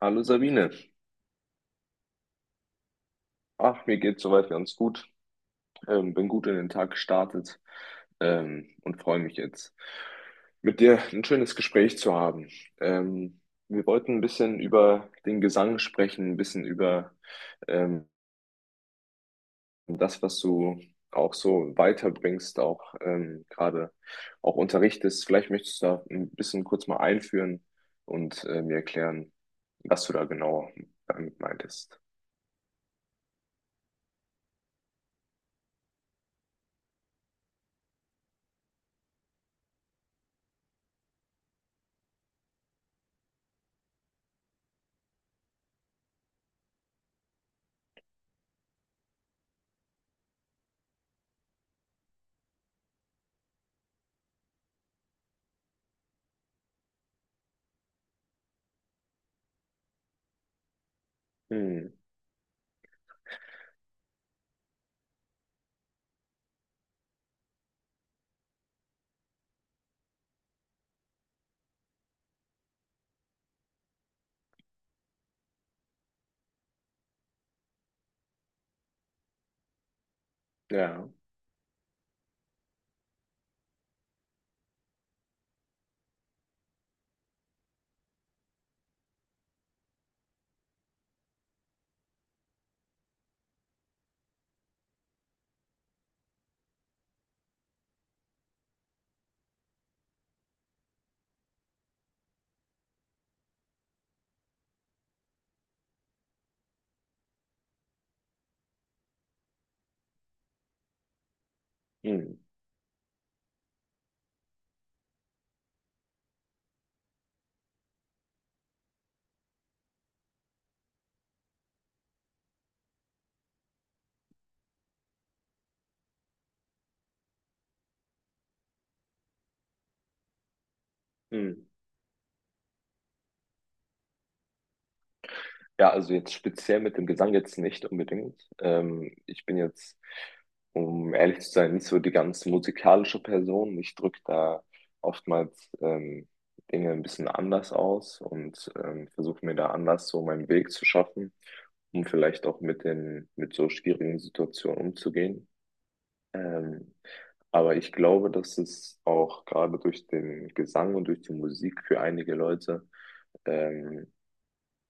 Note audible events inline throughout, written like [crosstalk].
Hallo Sabine. Ach, mir geht's soweit ganz gut. Bin gut in den Tag gestartet und freue mich jetzt, mit dir ein schönes Gespräch zu haben. Ähm, Wir wollten ein bisschen über den Gesang sprechen, ein bisschen über ähm, das, was du auch so weiterbringst, auch gerade auch unterrichtest. Vielleicht möchtest du da ein bisschen kurz mal einführen und mir erklären, was du da genau damit meintest. Hm, ja. Hm, hm. Ja, also jetzt speziell mit dem Gesang jetzt nicht unbedingt. Ich bin jetzt, um ehrlich zu sein, nicht so die ganz musikalische Person. Ich drücke da oftmals Dinge ein bisschen anders aus und versuche mir da anders so meinen Weg zu schaffen, um vielleicht auch mit mit so schwierigen Situationen umzugehen. Ähm, aber ich glaube, dass es auch gerade durch den Gesang und durch die Musik für einige Leute ähm,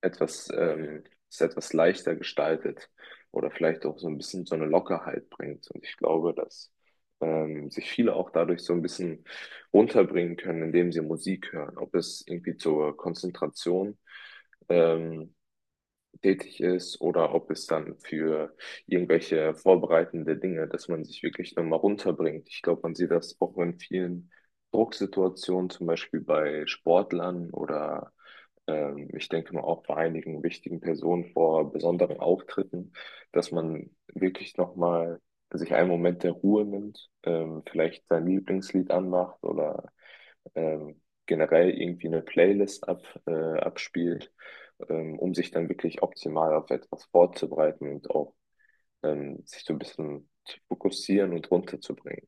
etwas, es etwas leichter gestaltet oder vielleicht auch so ein bisschen so eine Lockerheit bringt. Und ich glaube, dass sich viele auch dadurch so ein bisschen runterbringen können, indem sie Musik hören, ob es irgendwie zur Konzentration ähm, tätig ist oder ob es dann für irgendwelche vorbereitende Dinge, dass man sich wirklich nochmal runterbringt. Ich glaube, man sieht das auch in vielen Drucksituationen, zum Beispiel bei Sportlern oder ich denke mal auch bei einigen wichtigen Personen vor besonderen Auftritten, dass man wirklich nochmal sich einen Moment der Ruhe nimmt, vielleicht sein Lieblingslied anmacht oder ähm, generell irgendwie eine Playlist abspielt, um sich dann wirklich optimal auf etwas vorzubereiten und auch sich so ein bisschen zu fokussieren und runterzubringen.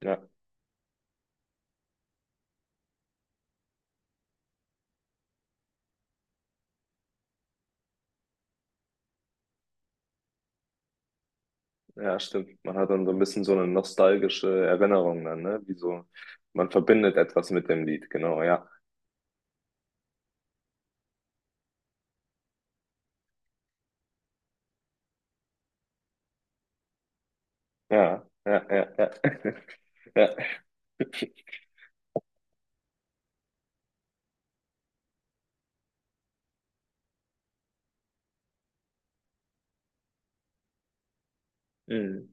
Ja, ja, stimmt. Man hat dann so ein bisschen so eine nostalgische Erinnerung dann, ne? Wie so, man verbindet etwas mit dem Lied, genau, ja. Ja, ja, ja, ja. [laughs] Ja. [laughs] Mhm.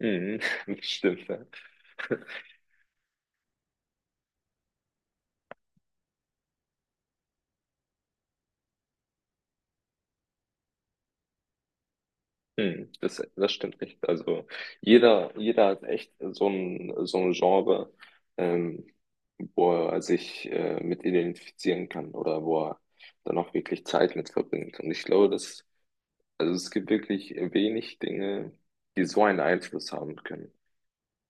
Mhm. [laughs] Stimmt, ja. Hm, das stimmt nicht. Also jeder, jeder hat echt so so ein Genre, ähm, wo er sich mit identifizieren kann oder wo er dann auch wirklich Zeit mit verbringt. Und ich glaube, also es gibt wirklich wenig Dinge, die so einen Einfluss haben können,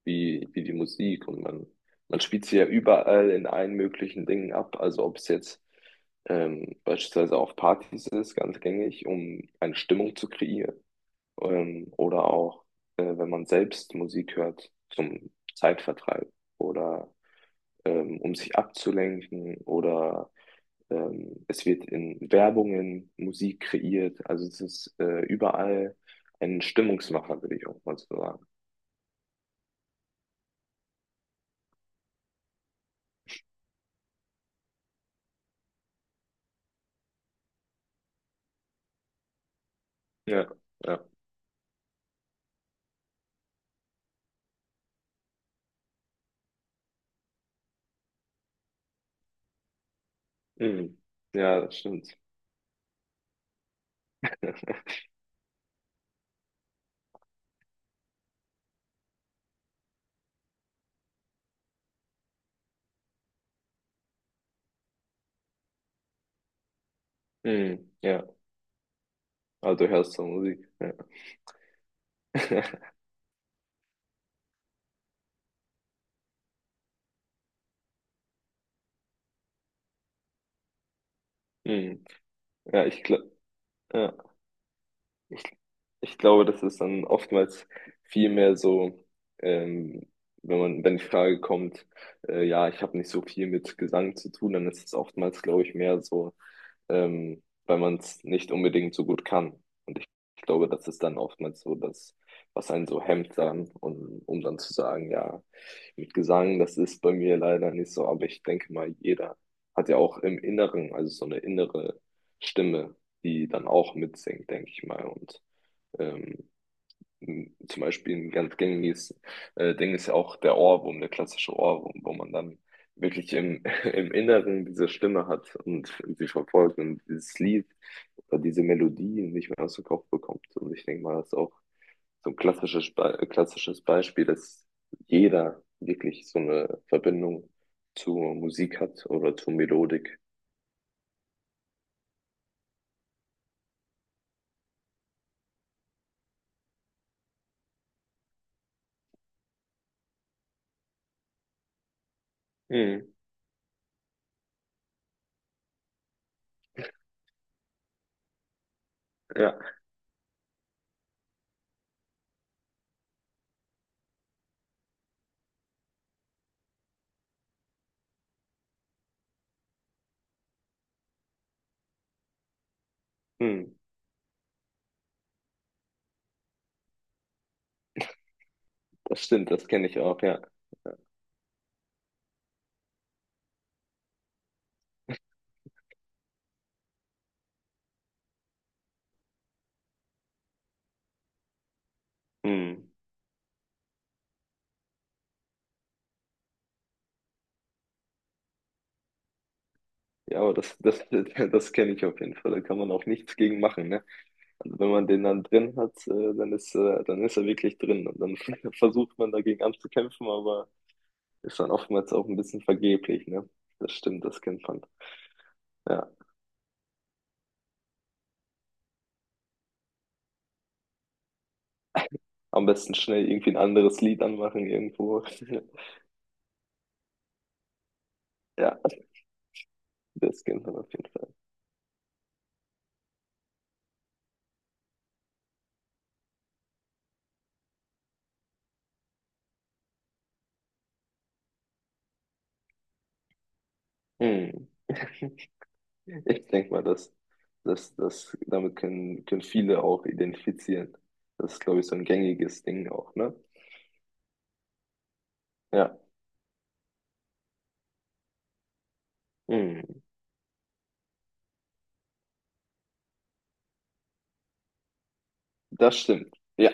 wie die Musik. Und man spielt sie ja überall in allen möglichen Dingen ab. Also ob es jetzt beispielsweise auf Partys ist, ganz gängig, um eine Stimmung zu kreieren, oder auch, wenn man selbst Musik hört zum Zeitvertreib oder um sich abzulenken oder es wird in Werbungen Musik kreiert. Also es ist überall ein Stimmungsmacher, würde ich auch mal so sagen. Ja, ja. Mhm. Ja, das stimmt. Mhm. Ja. Also du hörst so Musik. Ja, [laughs] mhm. Ja, ich glaube, ja. Ich Ich glaube, das ist dann oftmals viel mehr so, ähm, wenn man, wenn die Frage kommt, ja, ich habe nicht so viel mit Gesang zu tun, dann ist es oftmals, glaube ich, mehr so, weil man es nicht unbedingt so gut kann. Und ich glaube, das ist dann oftmals so das, was einen so hemmt dann, und um dann zu sagen, ja, mit Gesang, das ist bei mir leider nicht so, aber ich denke mal, jeder hat ja auch im Inneren, also so eine innere Stimme, die dann auch mitsingt, denke ich mal. Und ähm, zum Beispiel ein ganz gängiges Ding ist ja auch der Ohrwurm, der klassische Ohrwurm, wo man dann wirklich [laughs] im Inneren diese Stimme hat und sie verfolgt und dieses Lied oder diese Melodie nicht mehr aus dem Kopf bekommt. Und ich denke mal, das ist auch so ein klassisches, klassisches Beispiel, dass jeder wirklich so eine Verbindung zur Musik hat oder zur Melodik. Hm, ja, hm, das stimmt, das kenne ich auch, ja. Hm. Ja, aber [laughs] das kenne ich auf jeden Fall. Da kann man auch nichts gegen machen, ne? Also wenn man den dann drin hat, dann ist er wirklich drin. Und dann [laughs] versucht man dagegen anzukämpfen, aber ist dann oftmals auch ein bisschen vergeblich, ne? Das stimmt, das kennt man. Ja. Am besten schnell irgendwie ein anderes Lied anmachen irgendwo. [laughs] Ja, das kennt man auf jeden Fall. Hm. [laughs] Ich denke mal, dass damit können viele auch identifizieren. Das ist, glaube ich, so ein gängiges Ding auch, ne? Ja. Hm. Das stimmt. Ja,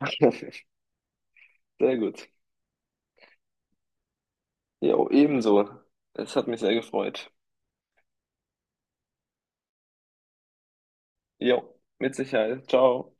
[laughs] sehr gut. Jo, ebenso. Es hat mich sehr gefreut. Jo, mit Sicherheit. Ciao.